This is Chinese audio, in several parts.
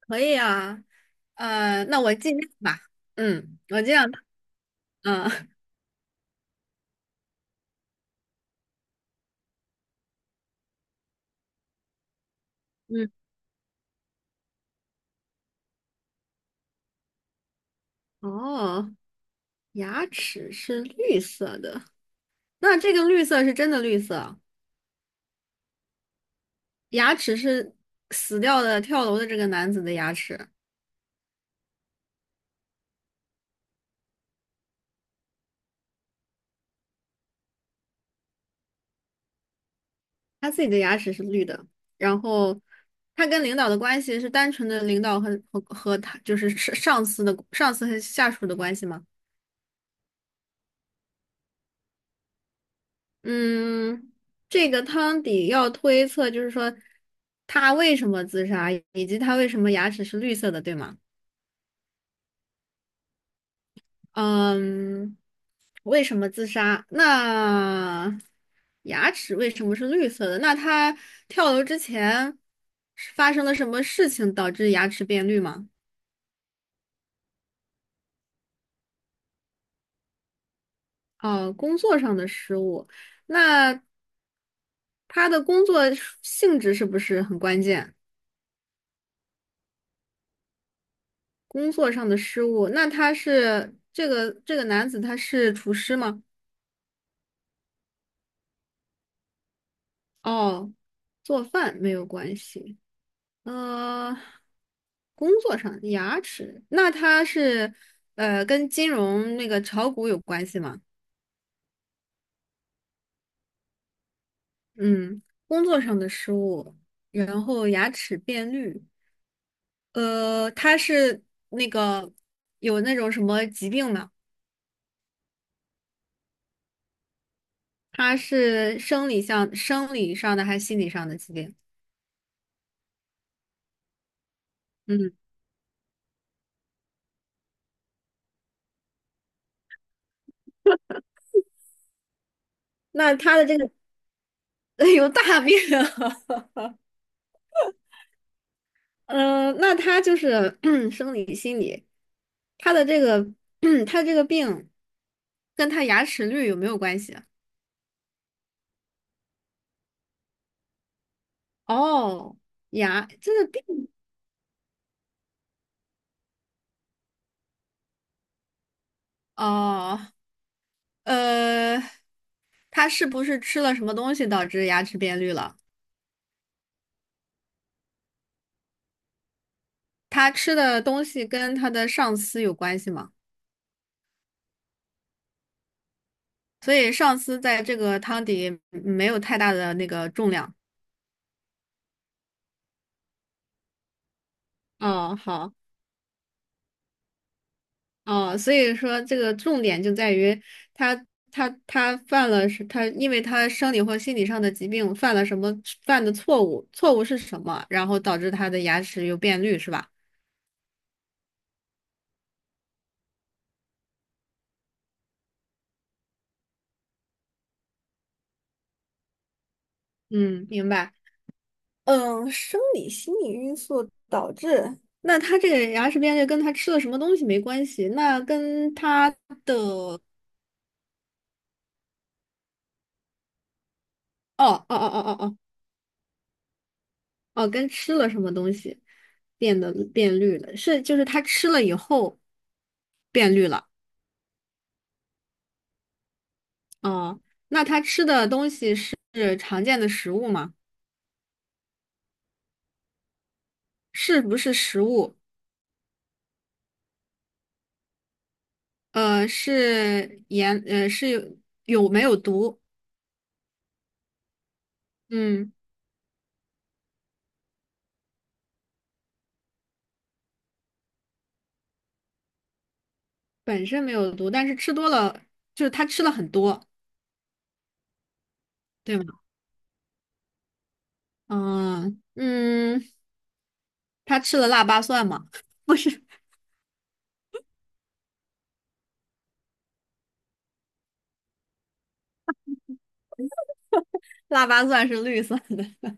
可以啊，那我尽量吧。嗯，我尽量。嗯 嗯，哦，牙齿是绿色的，那这个绿色是真的绿色啊。牙齿是死掉的跳楼的这个男子的牙齿，他自己的牙齿是绿的。然后他跟领导的关系是单纯的领导和他就是上司的上司和下属的关系吗？嗯，这个汤底要推测，就是说他为什么自杀，以及他为什么牙齿是绿色的，对吗？嗯，为什么自杀？那牙齿为什么是绿色的？那他跳楼之前是发生了什么事情导致牙齿变绿吗？哦，工作上的失误。那他的工作性质是不是很关键？工作上的失误，那他是这个男子他是厨师吗？哦，做饭没有关系。呃，工作上牙齿，那他是跟金融那个炒股有关系吗？嗯，工作上的失误，然后牙齿变绿。他是那个有那种什么疾病吗？他是生理上的还是心理上的疾病？嗯。那他的这个 有大病啊。嗯，那他就是 生理、心理，他的这个 他这个病跟他牙齿绿有没有关系啊。哦，牙，这个病。哦，呃，他是不是吃了什么东西导致牙齿变绿了？他吃的东西跟他的上司有关系吗？所以上司在这个汤底没有太大的那个重量。哦，好。哦，所以说这个重点就在于他他犯了是他，因为他生理或心理上的疾病犯了什么犯的错误，错误是什么，然后导致他的牙齿又变绿，是吧？嗯，明白。嗯，生理心理因素导致。那他这个牙齿变绿跟他吃了什么东西没关系，那跟他的哦哦哦哦哦。哦哦，跟吃了什么东西变得变绿了，是就是他吃了以后变绿了。哦，那他吃的东西是常见的食物吗？是不是食物？是盐，是有有没有毒？嗯，本身没有毒，但是吃多了，就是他吃了很多，对吗？嗯嗯，他吃了腊八蒜吗？不是，腊八蒜是绿色的。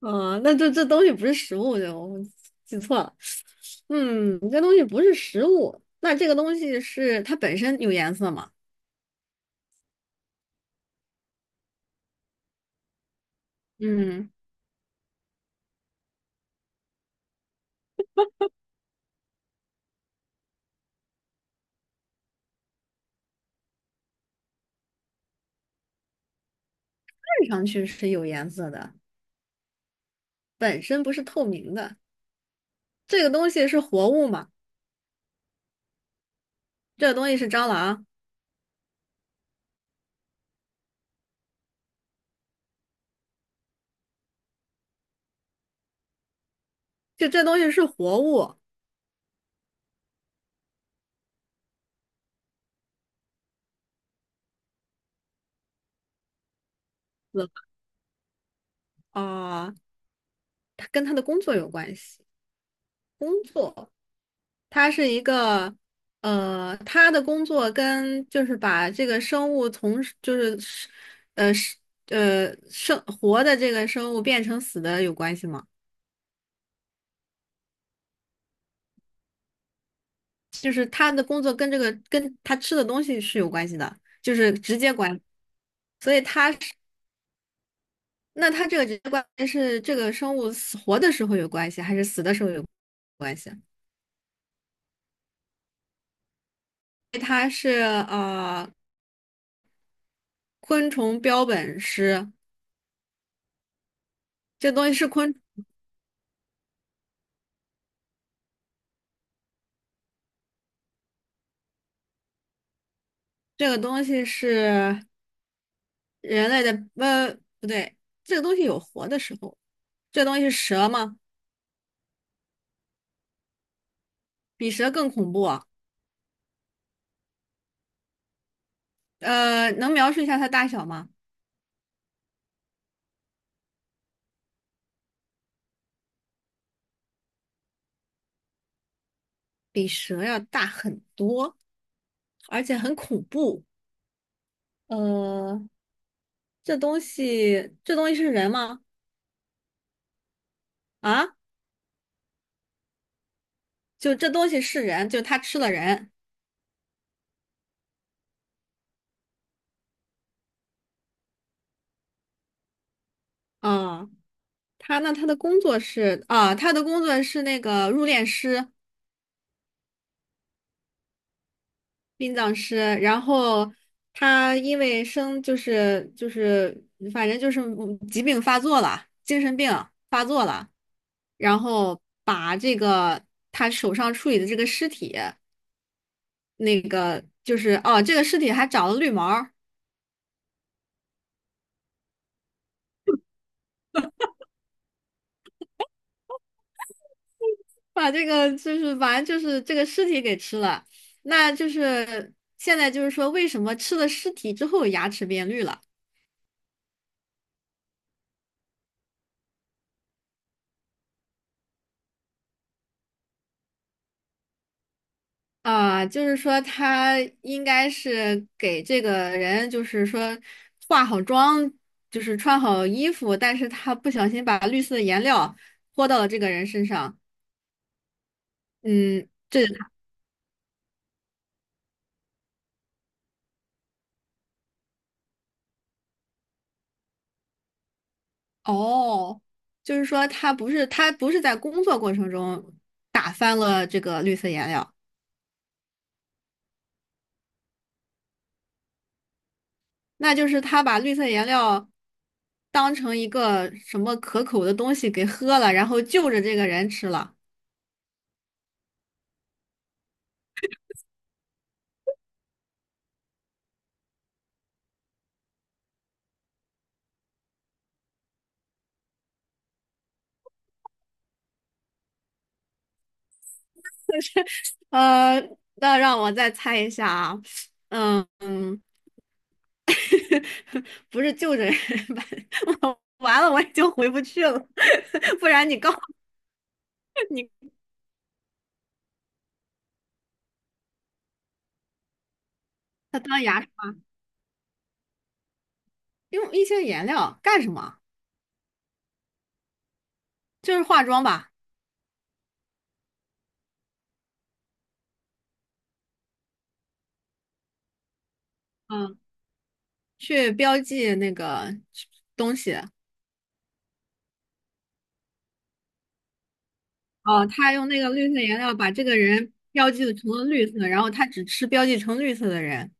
嗯，那这东西不是食物，就我记错了。嗯，这东西不是食物，那这个东西是它本身有颜色吗？嗯。看上去是有颜色的，本身不是透明的。这个东西是活物嘛？这个东西是蟑螂，就这东西是活物，死了啊，它跟它的工作有关系。工作，它是一个，它的工作跟就是把这个生物从就是呃是生活的这个生物变成死的有关系吗？就是它的工作跟跟它吃的东西是有关系的，就是直接关系。所以它，那它这个直接关系是这个生物死活的时候有关系，还是死的时候有关系？它是呃昆虫标本师，这个东西是昆，这个东西是人类的，呃，不对，这个东西有活的时候，这个东西是蛇吗？比蛇更恐怖啊。能描述一下它大小吗？比蛇要大很多，而且很恐怖。呃，这东西，这东西是人吗？啊？就这东西是人，就他吃了人。啊，他那他的工作是啊，他的工作是那个入殓师、殡葬师。然后他因为生就是就是，反正就是疾病发作了，精神病发作了，然后把这个他手上处理的这个尸体，就是哦，这个尸体还长了绿毛。把这个就是反正就是这个尸体给吃了，那就是现在就是说为什么吃了尸体之后牙齿变绿了。啊、就是说他应该是给这个人就是说化好妆，就是穿好衣服，但是他不小心把绿色的颜料泼到了这个人身上，嗯，这是他。哦，就是说他不是在工作过程中打翻了这个绿色颜料。那就是他把绿色颜料当成一个什么可口的东西给喝了，然后就着这个人吃了。呃，那让我再猜一下啊，嗯嗯，不是就着人吧 我完了，我已经回不去了，不然你告你他当牙刷用一些颜料干什么？就是化妆吧，嗯，去标记那个东西。哦，他用那个绿色颜料把这个人标记成了绿色，然后他只吃标记成绿色的人。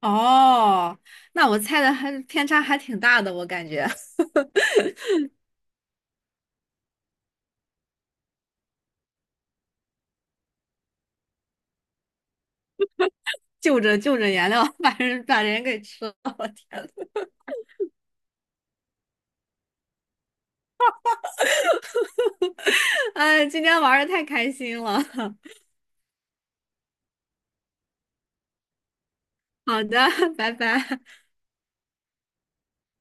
哦，那我猜的还偏差还挺大的，我感觉 就着颜料把人给吃了，我天呐，哎，今天玩的太开心了。好的，拜拜。